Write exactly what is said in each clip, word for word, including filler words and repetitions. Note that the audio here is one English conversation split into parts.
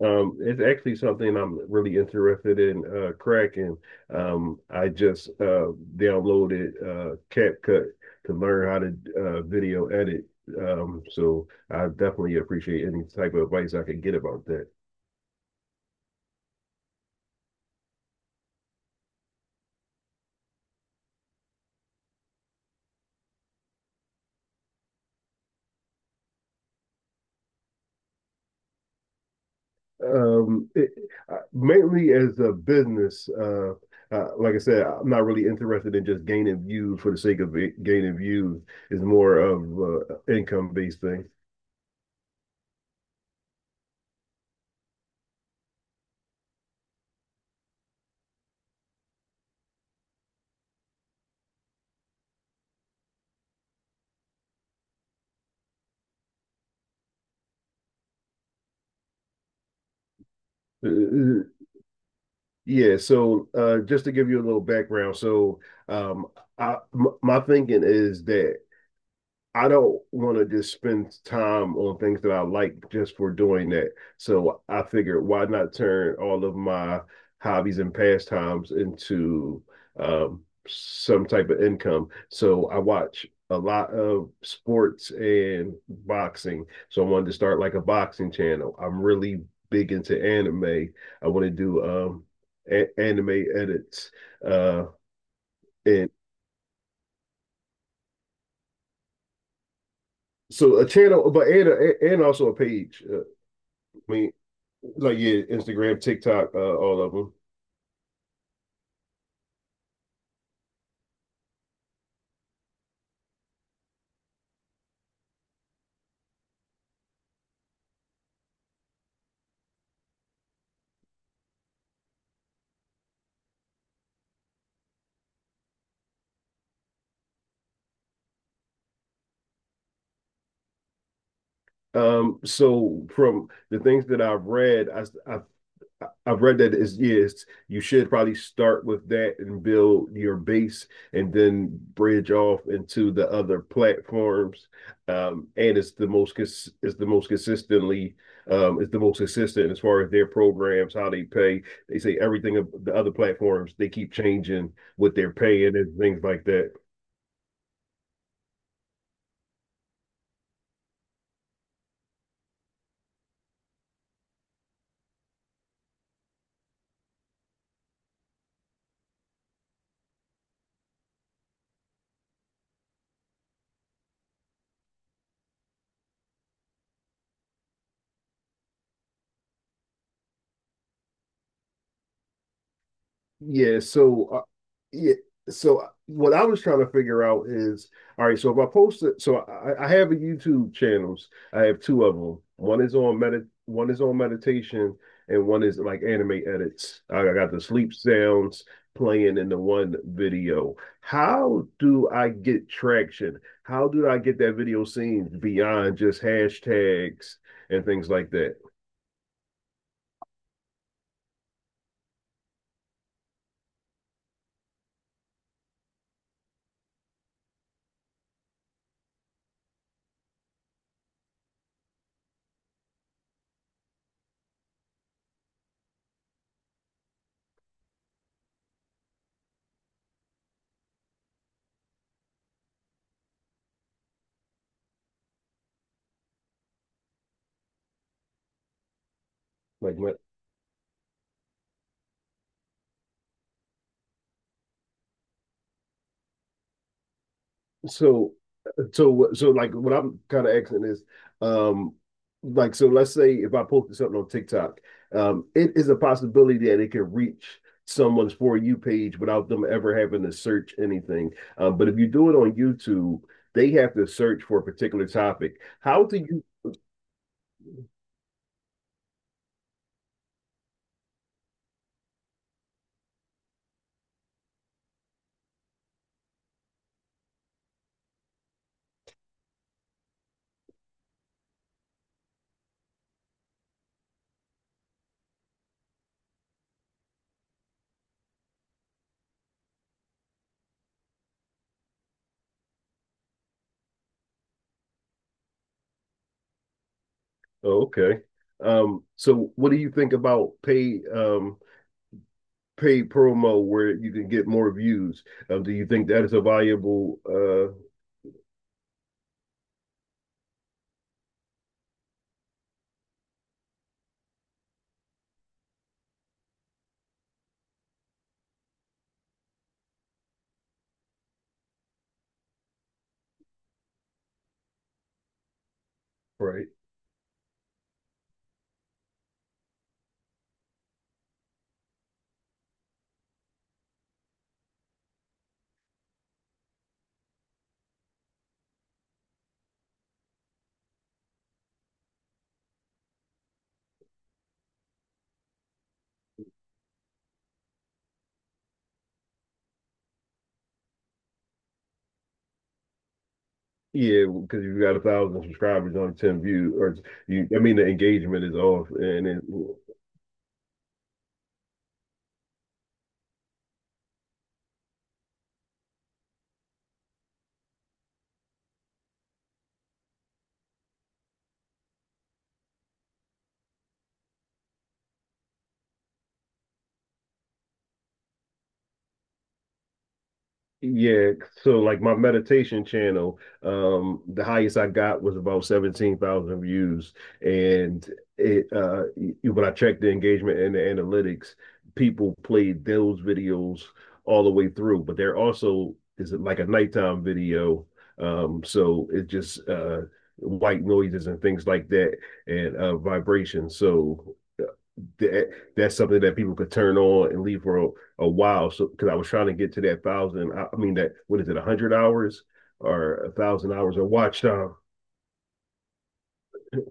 Um, it's actually something I'm really interested in uh, cracking. Um, I just uh, downloaded uh, CapCut to learn how to uh, video edit. Um, so I definitely appreciate any type of advice I could get about that. Um, it, uh, Mainly as a business, uh, uh, like I said, I'm not really interested in just gaining views for the sake of gaining views. It's more of uh, income based thing. Uh, Yeah, so uh, just to give you a little background, so um, I, m my thinking is that I don't want to just spend time on things that I like just for doing that. So I figured, why not turn all of my hobbies and pastimes into um, some type of income? So I watch a lot of sports and boxing. So I wanted to start like a boxing channel. I'm really big into anime. I want to do um, a- anime edits uh, and so a channel, but and and also a page. Uh, I mean, like yeah, Instagram, TikTok, uh, all of them. Um, so from the things that I've read, I, I've I've read that is yes, you should probably start with that and build your base, and then bridge off into the other platforms. Um, and it's the most cons- it's the most consistently um, it's the most consistent as far as their programs, how they pay. They say everything of the other platforms they keep changing what they're paying and things like that. Yeah, so uh, yeah, so uh, what I was trying to figure out is, all right, so if I post it, so I, I have a YouTube channels. I have two of them. One is on medit, one is on meditation, and one is like anime edits. I I got the sleep sounds playing in the one video. How do I get traction? How do I get that video seen beyond just hashtags and things like that? Like my so. So, so like what I'm kind of asking is, um, like so, let's say if I posted something on TikTok, um, it is a possibility that it can reach someone's for you page without them ever having to search anything. Um, but if you do it on YouTube, they have to search for a particular topic. How do you? Oh, okay. Um, so what do you think about paid um paid promo where you can get more views? Um, do you think that is a valuable uh right? Yeah, because you got a thousand subscribers on ten views, or you, I mean, the engagement is off, and it, yeah, so like my meditation channel, um, the highest I got was about seventeen thousand views. And it uh y- when I checked the engagement and the analytics, people played those videos all the way through, but there also is like a nighttime video. Um, so it just uh white noises and things like that and uh vibrations. So uh, that that's something that people could turn on and leave for a, a while. So because I was trying to get to that thousand, I, mean that what is it, a hundred hours or a thousand hours of watch time,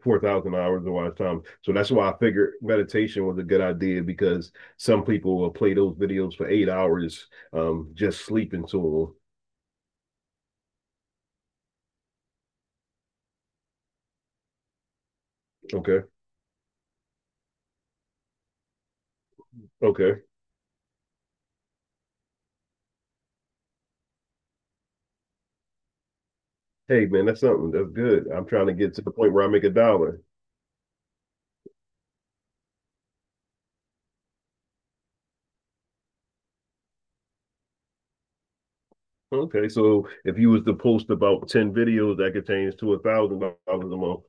four thousand hours of watch time. So that's why I figured meditation was a good idea because some people will play those videos for eight hours, um, just sleeping to them. Okay, okay. Hey man, that's something that's good. I'm trying to get to the point where I make a dollar. Okay, so if you was to post about ten videos, that could change to a thousand dollars a month.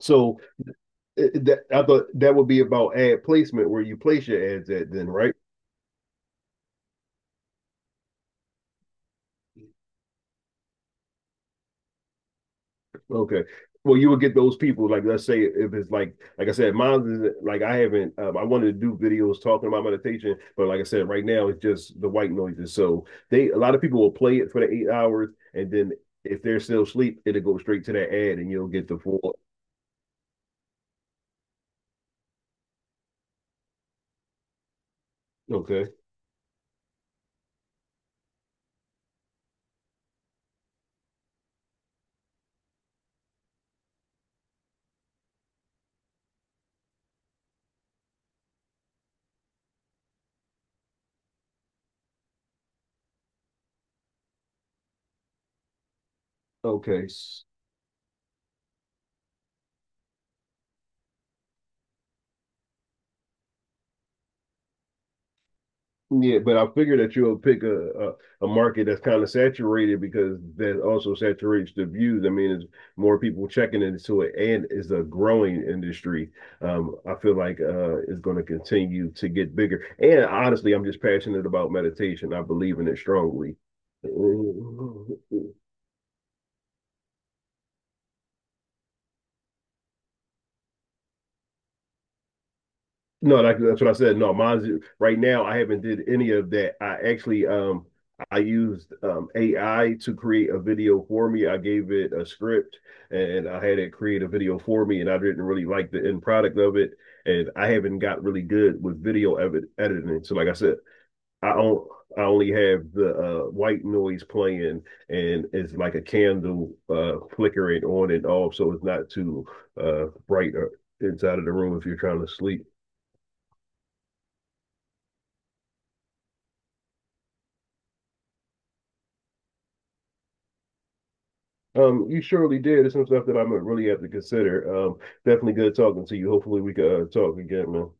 So Uh, that I thought that would be about ad placement where you place your ads at then, right? Okay. Well, you would get those people, like let's say if it's like like I said, mine is like I haven't um, I wanted to do videos talking about meditation, but like I said, right now it's just the white noises. So they a lot of people will play it for the eight hours and then if they're still asleep, it'll go straight to that ad and you'll get the full okay. Okay. Yeah, but I figure that you'll pick a, a, a market that's kind of saturated because that also saturates the views. I mean, it's more people checking into it, and it's a growing industry. Um, I feel like uh, it's going to continue to get bigger. And honestly, I'm just passionate about meditation. I believe in it strongly. No, like, that's what I said. No, mine's right now. I haven't did any of that. I actually um I used um A I to create a video for me. I gave it a script and I had it create a video for me, and I didn't really like the end product of it. And I haven't got really good with video edit editing. So, like I said, I don't. I only have the uh, white noise playing, and it's like a candle uh, flickering on and off, so it's not too uh, bright uh, inside of the room if you're trying to sleep. Um, you surely did. It's some stuff that I'm gonna really have to consider. Um, definitely good talking to you. Hopefully we can uh, talk again, man.